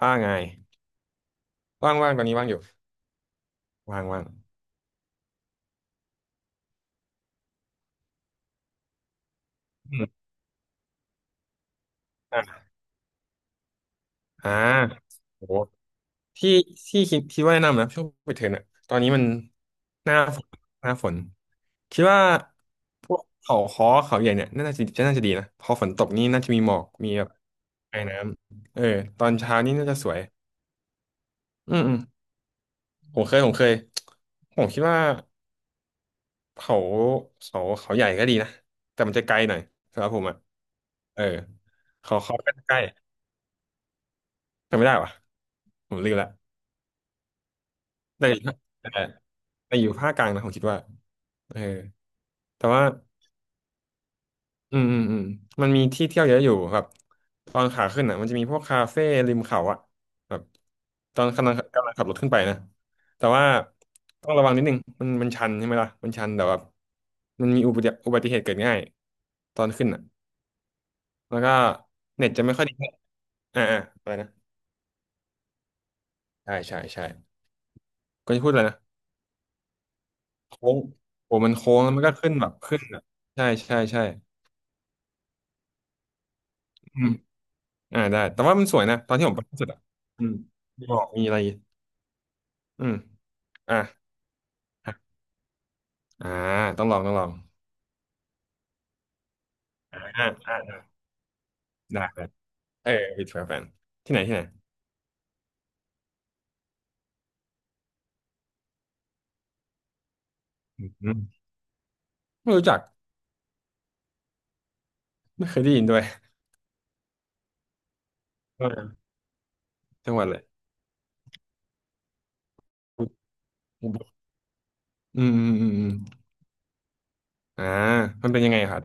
ว่าไงว่างตอนนี้ว่างอยู่ว่างว่างอืมอ่ะอ่าโหที่ที่คิดว่าแนะนำนะช่วงปิดเทอมอะตอนนี้มันหน้าฝนหน้าฝนคิดว่าพวกเขาค้อเขาใหญ่เนี่ยน่าจะดีนะพอฝนตกนี่น่าจะมีหมอกมีแบบไอน้ำเออตอนเช้านี่น่าจะสวยอืมอืมผมเคยผมคิดว่าเขาเขาใหญ่ก็ดีนะแต่มันจะไกลหน่อยสำหรับผมอ่ะเออเขาก็ใกล้จำไม่ได้วะผมลืมละ แต่อยู่ภาคแต่แต่อยู่ภาคกลางนะผมคิดว่าเออแต่ว่าอืมอืมอืมมันมีที่เที่ยวเยอะอยู่แบบตอนขาขึ้นอ่ะมันจะมีพวกคาเฟ่ริมเขาอ่ะแบบตอนกำลังขับรถขึ้นไปนะแต่ว่าต้องระวังนิดนึงมันชันใช่ไหมล่ะมันชันแต่ว่ามันมีอุบัติเหตุเกิดง่ายตอนขึ้นอ่ะแล้วก็เน็ตจะไม่ค่อยดีเท่าไหร่อะไรนะใช่ใช่ใช่ก็จะพูดอะไรนะโค้งโอ้มันโค้งแล้วมันก็ขึ้นแบบขึ้นอ่ะใช่ใช่ใช่อืม อ่าได้แต่ว่ามันสวยนะตอนที่ผมไปล่าสุดอ่ะอืมมีหมอกมีอะไรอืมอ่ะอ่าต้องลองต้องลองอ่าอ่าอ่าได้ได้เออวิดแฟนที่ไหนที่ไหนอืมไม่รู้จักไม่เคยได้ยินด้วยเออจังหวัดเลยอืมอืมอืมอืมอ่ามันเป็นยังไงครับ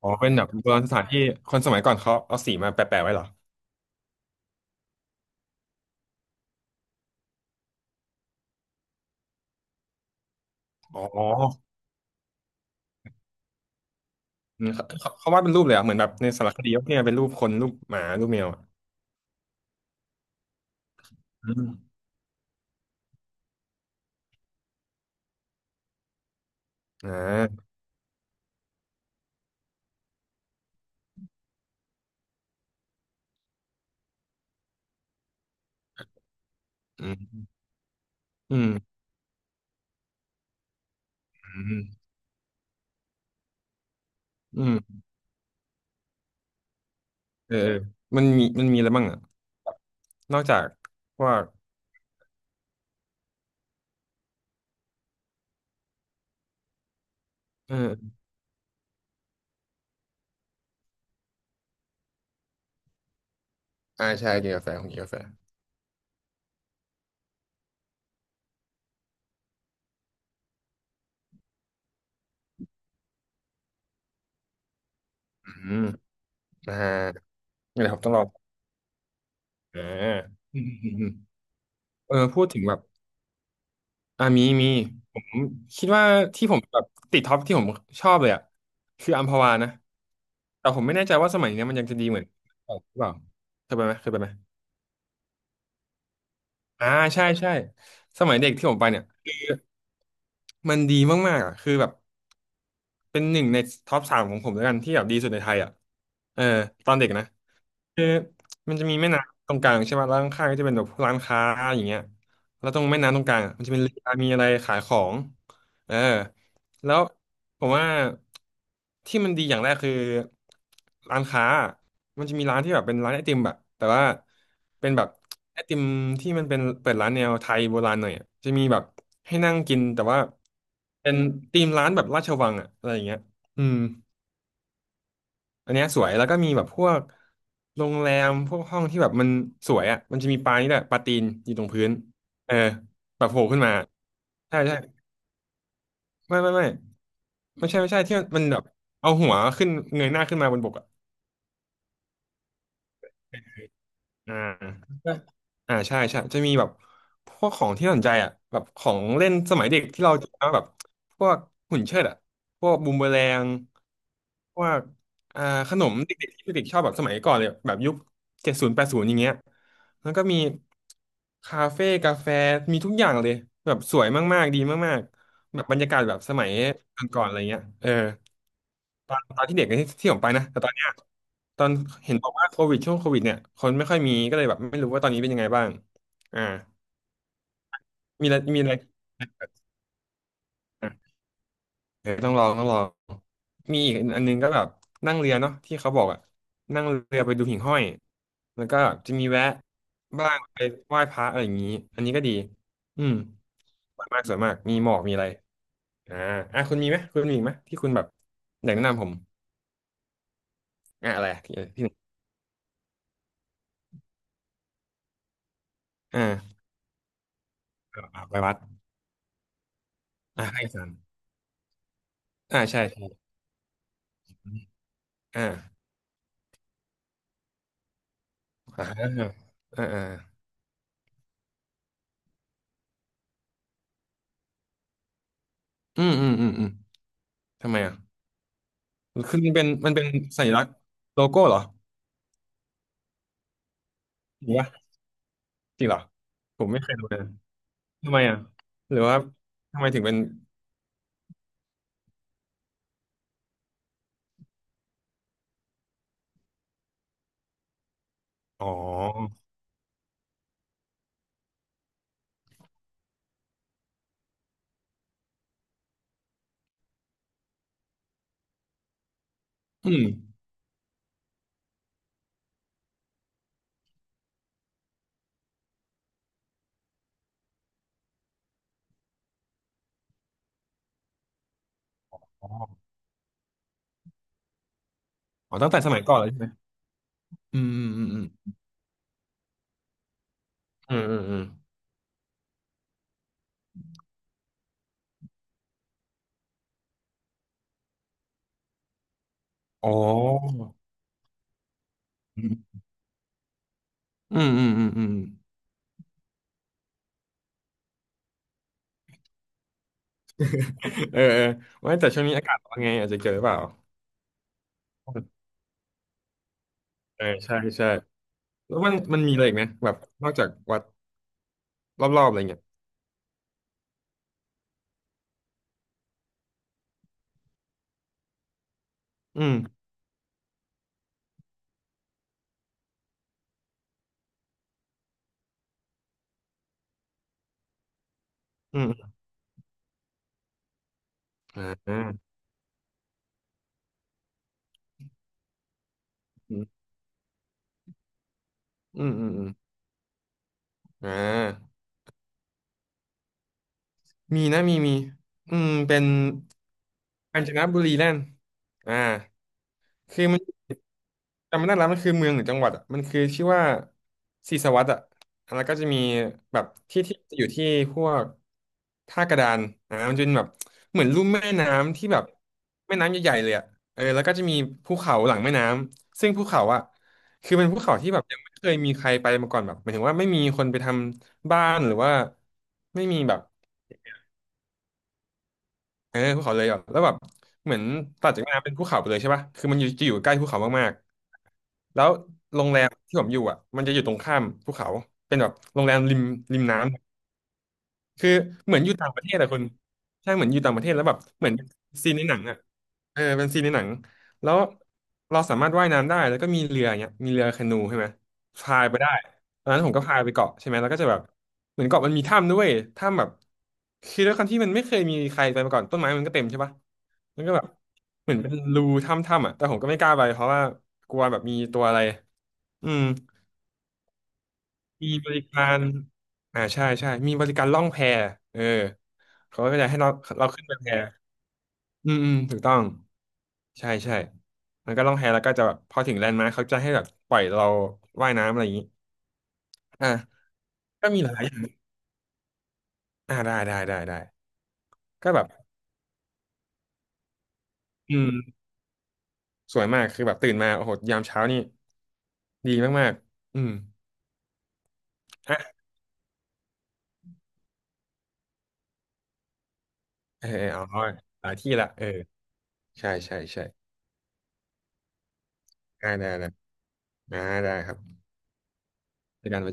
อ๋อเป็นแบบโบราณสถานที่คนสมัยก่อนเขาเอาสีมาแปะๆไว้เหรออ๋ออืมเขาวาดเป็นรูปเลยเหรอ่ะเหมือนแบบในสารคดีว่าเนี่ยเป็นรูปคนรูปหมารูปแมวอะอืมอ่าอืมอืม อืมเออเออมันมีอะไรบ้างอ่ะนอกจากพวกเอออ่าใช่กินกาแฟของกินกาแฟอืมอ่าอะไรครับต้องลองอ่าอืมอืมอืมเออพูดถึงแบบอ่ามีผมคิดว่าที่ผมแบบติดท็อปที่ผมชอบเลยอ่ะคืออัมพวานะแต่ผมไม่แน่ใจว่าสมัยเนี้ยมันยังจะดีเหมือนเก่าหรือเปล่าเคยไปไหมเคยไปไหมอ่าใช่ใช่สมัยเด็กที่ผมไปเนี่ยมันดีมากๆอ่ะคือแบบ เป็นหนึ่งในท็อปสามของผมแล้วกันที่แบบดีสุดในไทยอ่ะเออตอนเด็กนะ คือมันจะมีแม่น้ำตรงกลางใช่ไหมแล้วข้างๆก็จะเป็นแบบร้านค้าอย่างเงี้ยแล้วตรงแม่น้ำตรงกลางอะมันจะเป็นเรือมีอะไรขายของเออแล้วผมว่าที่มันดีอย่างแรกคือร้านค้ามันจะมีร้านที่แบบเป็นร้านไอติมแบบแต่ว่าเป็นแบบไอติมที่มันเป็นเปิดร้านแนวไทยโบราณหน่อยอะจะมีแบบให้นั่งกินแต่ว่าเป็นธีมร้านแบบราชวังอะอะไรอย่างเงี้ยอืม อันเนี้ยสวยแล้วก็มีแบบพวกโรงแรมพวกห้องที่แบบมันสวยอ่ะมันจะมีปลานี่แหละปลาตีนอยู่ตรงพื้นเออแบบโผล่ขึ้นมาใช่ใช่ไม่ไม่ไม่ไม่ใช่ไม่ใช่ที่มันแบบเอาหัวขึ้นเงยหน้าขึ้นมาบนบกอะ อ่า อ่าใช่ใช่จะมีแบบพวกของที่น่าสนใจอ่ะแบบของเล่นสมัยเด็กที่เราจะแบบพวกหุ่นเชิดอ่ะพวกบูมเบอแรงพวกอ่าขนมเด็กๆที่เด็กๆชอบแบบสมัยก่อนเลยแบบยุค70 80อย่างเงี้ยแล้วก็มีคาเฟ่กาแฟมีทุกอย่างเลยแบบสวยมากๆดีมากๆแบบบรรยากาศแบบสมัยก่อนๆอะไรเงี้ยเออ ตอนที่เด็กที่ผมไปนะ แต่ตอนเนี้ยตอนเห็นบอกว่าโควิดช่วงโควิดเนี่ยคนไม่ค่อยมีก็เลยแบบไม่รู้ว่าตอนนี้เป็นยังไงบ้างอ่ามีอะไรมีอะไรอ่ะเดี๋ยวต้องลองต้องลองมีอีกอันนึงก็แบบนั่งเรือเนาะที่เขาบอกอะนั่งเรือไปดูหิ่งห้อยแล้วก็จะมีแวะบ้างไปไหว้พระอะไรอย่างนี้อันนี้ก็ดีอืมสวยมากสวยมากมีหมอกมีอะไรอ่าอ่ะคุณมีไหมคุณมีอีกไหมที่คุณแบบอยากแนะนำผมอ่ะอะไรที่ที่หนึ่งอ่าอ่าไปวัดอ่ะให้อาจารย์ อ่าใช่ใช่อ่าอ่าอ่าอ่าอืมอืมอืมอืมทำไมอ่ะคือมันเป็นสัญลักษณ์โลโก้เหรอหรือว่าจริงเหรอผมไม่เคยดูเลยทำไมอ่ะหรือว่าทำไมถึงเป็นอ๋ออืมอ๋ออ๋อตั้งแต่สมัยก่อนเลยใช่ไหมอืมอืมอืมอืมอืมอืมอ๋ออืมอืมอืมอืมอืมเออเออว่าแต่ช่วงนี้อากาศเป็นไงอาจจะเจอหรือเปล่าเออใช่ใช่แล้วมันมีอะไรอีกนะแบบนอกจากวัดรอบๆอะไรเงี้ย อืมอืมอ่าอืมอืมอืมอืมอ่ามีนะมีมีอืมเป็นกาญจนบุรีแล่นอ่า คือมันจำไม่ได้แล้วมันคือเมืองหรือจังหวัดอะมันคือชื่อว่าศรีสวัสดิ์อ่ะแล้วก็จะมีแบบที่จะอยู่ที่พวกท่ากระดานอ่ามันจะเป็นแบบเหมือนลุ่มแม่น้ำที่แบบแม่น้ำใหญ่ๆเลยอ่ะเออแล้วก็จะมีภูเขาหลังแม่น้ำซึ่งภูเขาอ่ะคือเป็นภูเขาที่แบบยังไม่เคยมีใครไปมาก่อนแบบหมายถึงว่าไม่มีคนไปทำบ้านหรือว่าไม่มีแบบ เออภูเขาเลยอ่ะแล้วแบบเหมือนตัดจากแม่น้ำเป็นภูเขาไปเลยใช่ป่ะคือมันอยู่จะอยู่ใกล้ภูเขามากๆแล้วโรงแรมที่ผมอยู่อ่ะมันจะอยู่ตรงข้ามภูเขาเป็นแบบโรงแรมริมน้ำ คือเหมือนอยู่ต่างประเทศอะคุณใช่เหมือนอยู่ต่างประเทศแล้วแบบเหมือนซีนในหนังอะเออเป็นซีนในหนังแล้วเราสามารถว่ายน้ำได้แล้วก็มีเรืออย่างเงี้ยมีเรือแคนูใช่ไหมพายไปได้ตอนนั้นผมก็พายไปเกาะใช่ไหมแล้วก็จะแบบเหมือนเกาะมันมีถ้ำด้วยถ้ำแบบคือด้วยความที่มันไม่เคยมีใครไปมาก่อนต้นไม้มันก็เต็มใช่ปะมันก็แบบเหมือนเป็นรูถ้ำๆอ่ะแต่ผมก็ไม่กล้าไปเพราะว่ากลัวแบบมีตัวอะไรอืมมีบริการอ่าใช่ใช่มีบริการล่องแพเออ เขาก็จะให้เราเราขึ้นไปแพอืมอืมถูกต้องใช่ใช่ มันก็ล่องแพแล้วก็จะแบบพอถึงแลนด์มาร์คเขาจะให้แบบปล่อยเราว่ายน้ำอะไรอย่างนี้อ่ะก็มีหลายอย่างอ่าได้ได้ได้ได้ก็แบบอืมสวยมากคือแบบตื่นมาโอ้โหยามเช้านี่ดีมากๆอืมอ่ะเออเออเอาหลายที่ละเออใช่ใช่ใช่ได้ได้ได้อ่าได้ครับเจอกัน